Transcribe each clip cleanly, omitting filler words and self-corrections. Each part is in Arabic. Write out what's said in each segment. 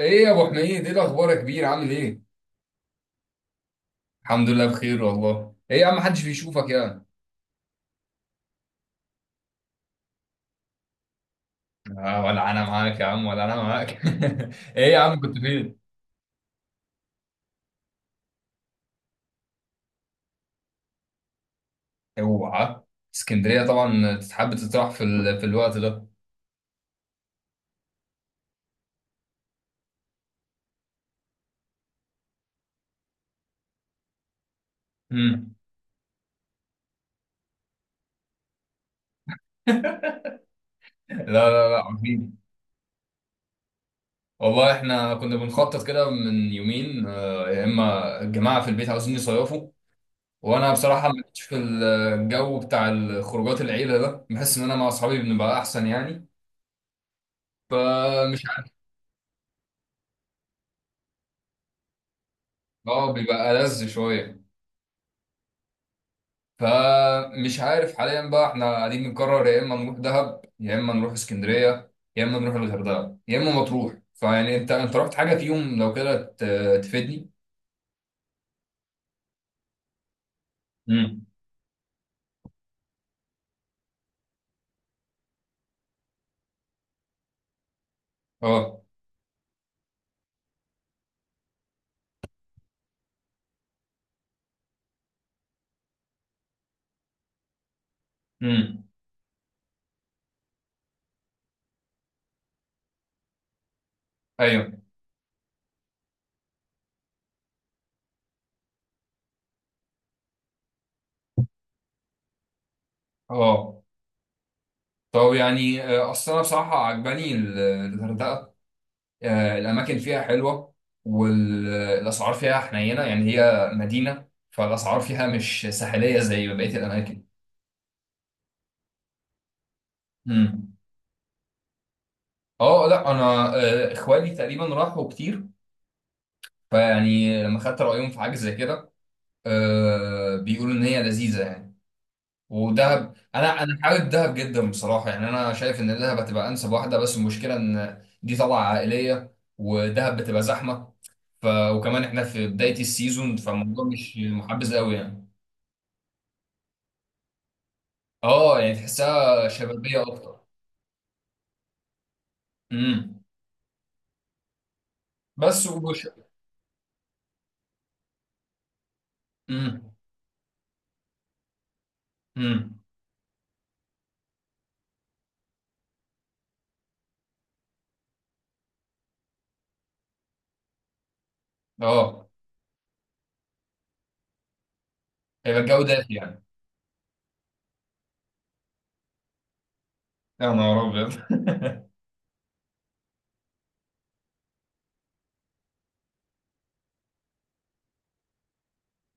ايه يا ابو حميد، ايه الاخبار يا كبير، عامل ايه؟ الحمد لله بخير والله. ايه يا عم محدش بيشوفك يا عم؟ آه، ولا انا معاك يا عم ولا انا معاك. ايه يا عم كنت فين؟ اوعى. اسكندريه طبعا تتحب تطرح في الوقت ده. مم. لا لا لا، عارفين. والله احنا كنا بنخطط كده من يومين، يا اما الجماعه في البيت عاوزين يصيفوا. وانا بصراحه ما كنتش في الجو بتاع الخروجات العيله ده، بحس ان انا مع اصحابي بنبقى احسن يعني. فمش اه، بيبقى ألذ شويه. فمش عارف، حاليا بقى احنا قاعدين بنقرر يا اما نروح دهب يا اما نروح اسكندريه يا اما نروح الغردقه يا اما مطروح. فيعني انت رحت حاجه فيهم لو كده، تفيدني. امم. اه. امم. ايوه. اه. طب يعني، اصل انا بصراحه عجباني الغردقه. الاماكن فيها حلوه. والاسعار فيها حنينه، يعني هي مدينه فالاسعار فيها مش ساحليه زي بقيه الاماكن. امم. اه لا انا، اخوالي تقريبا راحوا كتير. فيعني لما خدت رأيهم في حاجة زي كده، آه بيقولوا إن هي لذيذة يعني. ودهب، أنا حابب دهب جدا بصراحة. يعني أنا شايف إن دهب هتبقى أنسب واحدة، بس المشكلة إن دي طلعة عائلية ودهب بتبقى زحمة. وكمان إحنا في بداية السيزون، فالموضوع مش محبذ قوي يعني. أه يعني تحسها شبابية أكتر. امم. بس امم. امم. أه، هيبقى الجو دافي يعني. يا نهار أبيض.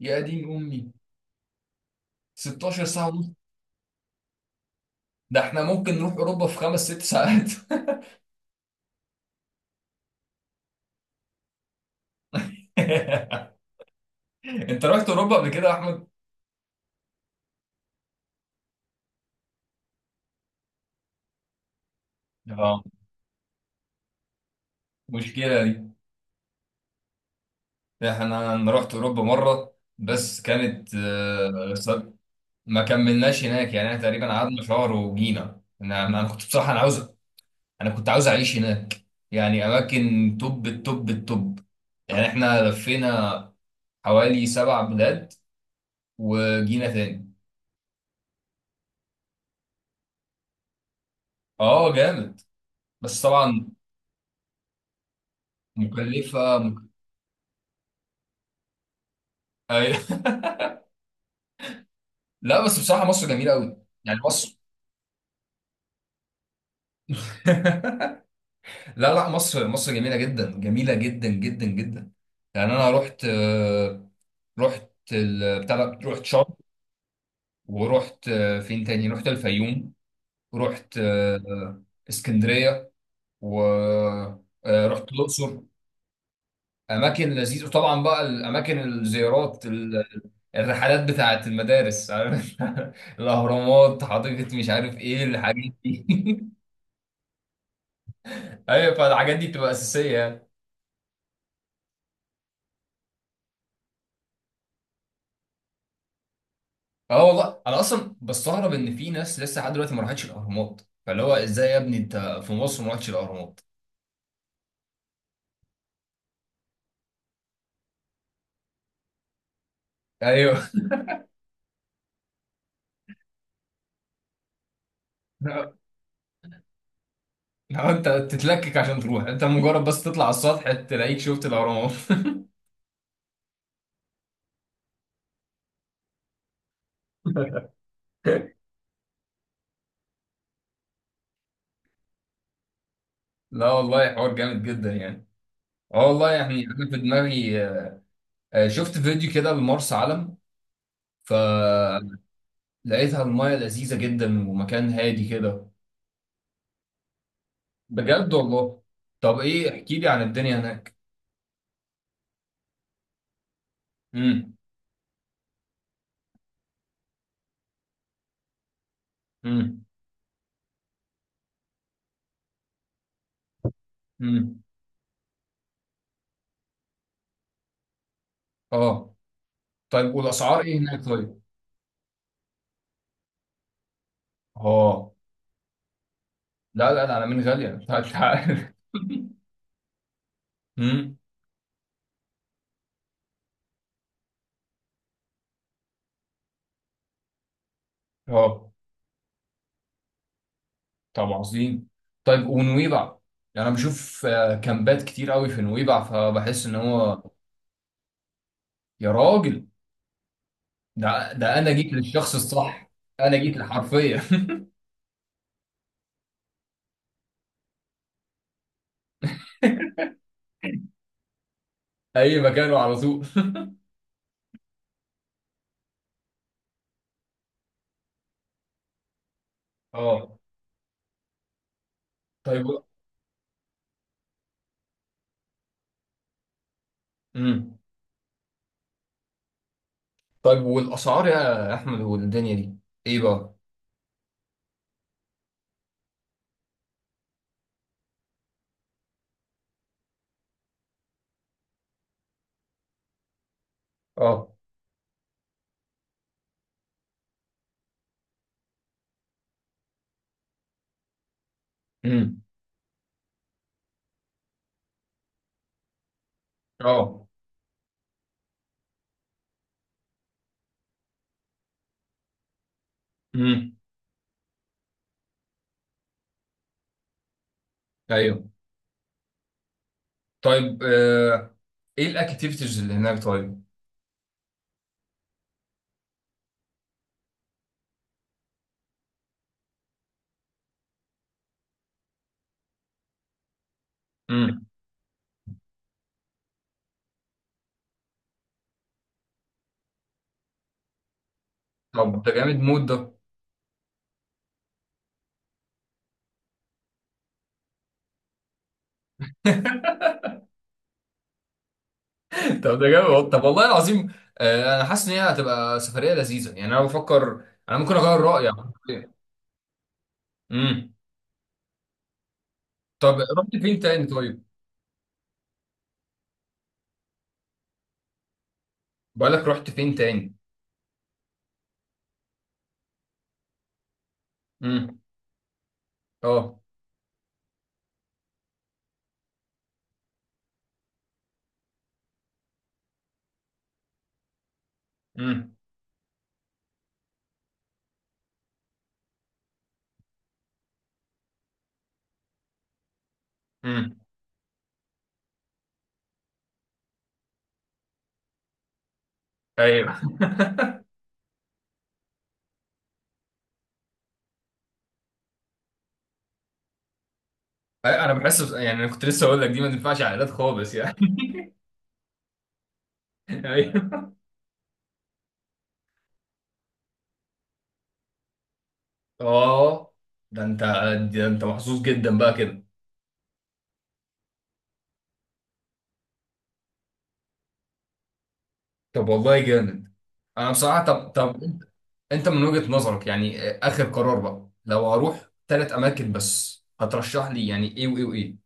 يا دين أمي. 16 ساعة ونص. ده احنا ممكن نروح اوروبا في خمس ست ساعات. انت رحت اوروبا قبل كده يا احمد؟ اه. مشكله دي. انا رحت اوروبا مره، بس كانت ما كملناش هناك يعني. احنا تقريبا قعدنا شهر وجينا. انا انا أنا كنت بصراحه انا كنت عاوز اعيش هناك. يعني اماكن توب التوب التوب. يعني احنا لفينا حوالي سبع بلاد وجينا تاني. اه جامد، بس طبعا مكلفه أيوة. لا بس بصراحه مصر جميله قوي. يعني مصر. لا لا، مصر مصر جميله جدا، جميله جدا جدا جدا. يعني انا رحت، رحت بتاع ده، رحت شرم. ورحت، فين تاني، رحت الفيوم. رحت، اسكندريه. ورحت الاقصر. اماكن لذيذه. وطبعا بقى الاماكن الزيارات الرحلات بتاعت المدارس، عارف، الاهرامات، حديقه، مش عارف ايه الحاجات دي. ايوه، فالحاجات دي بتبقى اساسيه يعني. اه والله انا اصلا بستغرب ان في ناس لسه لحد دلوقتي ما راحتش الاهرامات، فاللي هو ازاي يا ابني انت في مصر ما راحتش الاهرامات؟ ايوه. لا. لا، انت تتلكك عشان تروح، انت مجرد بس تطلع على السطح تلاقيك شفت الاهرامات. لا والله حوار جامد جدا يعني. اه والله، يعني انا في دماغي شفت فيديو كده لمرسى علم، فلقيتها المايه لذيذه جدا ومكان هادي كده. بجد والله؟ طب ايه، احكي لي عن الدنيا هناك. امم. امم. امم. اه. طيب والاسعار ايه هناك طيب؟ اه، لا لا لا، انا من غاليه أنت. عارف. امم. اه. طب عظيم. طيب ونويبع، يعني انا بشوف كامبات كتير قوي في نويبع فبحس ان هو. يا راجل. ده انا جيت للشخص الصح، انا جيت لحرفيا. اي مكان وعلى طول. اه طيب. امم. طيب والاسعار يا احمد والدنيا دي ايه بقى؟ اه. امم. اه. امم. ايوه. طيب، ايه الاكتيفيتيز اللي هناك طيب؟ امم. طب ده جامد مود ده. طب ده جامد والله. طب والله العظيم، انا حاسس ان هي هتبقى سفريه لذيذه، يعني انا بفكر انا ممكن اغير رايي عن كده. امم. طب رحت فين تاني طيب؟ بقالك رحت فين تاني؟ امم. اه. امم. امم. ايوه. انا بحس، يعني انا كنت لسه اقول لك دي ما تنفعش عائلات خالص يعني. ايوه. اه. ده انت ده انت محظوظ جدا بقى كده. طب والله جامد. انا بصراحه طب، انت من وجهة نظرك، يعني اخر قرار بقى لو هروح ثلاث اماكن بس، هترشح لي يعني ايه وايه وايه؟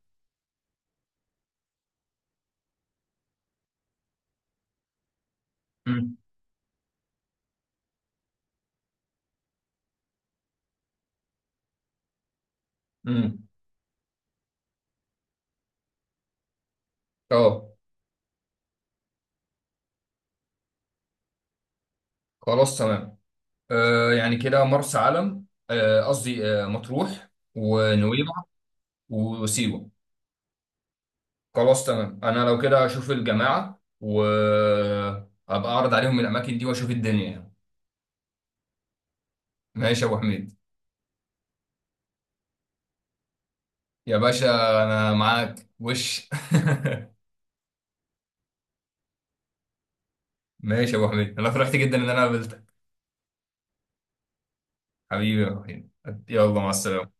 امم. امم. اه. خلاص تمام. آه يعني كده مرسى علم، قصدي مطروح، ونويبع، وسيوة. خلاص تمام، انا لو كده اشوف الجماعة وابقى اعرض عليهم الاماكن دي واشوف الدنيا يعني. ماشي يا ابو حميد. يا باشا. انا معاك ماشي يا ابو حميد، انا فرحت جدا ان انا قابلتك. حبيبي يا ابو حميد. يلا مع السلامة.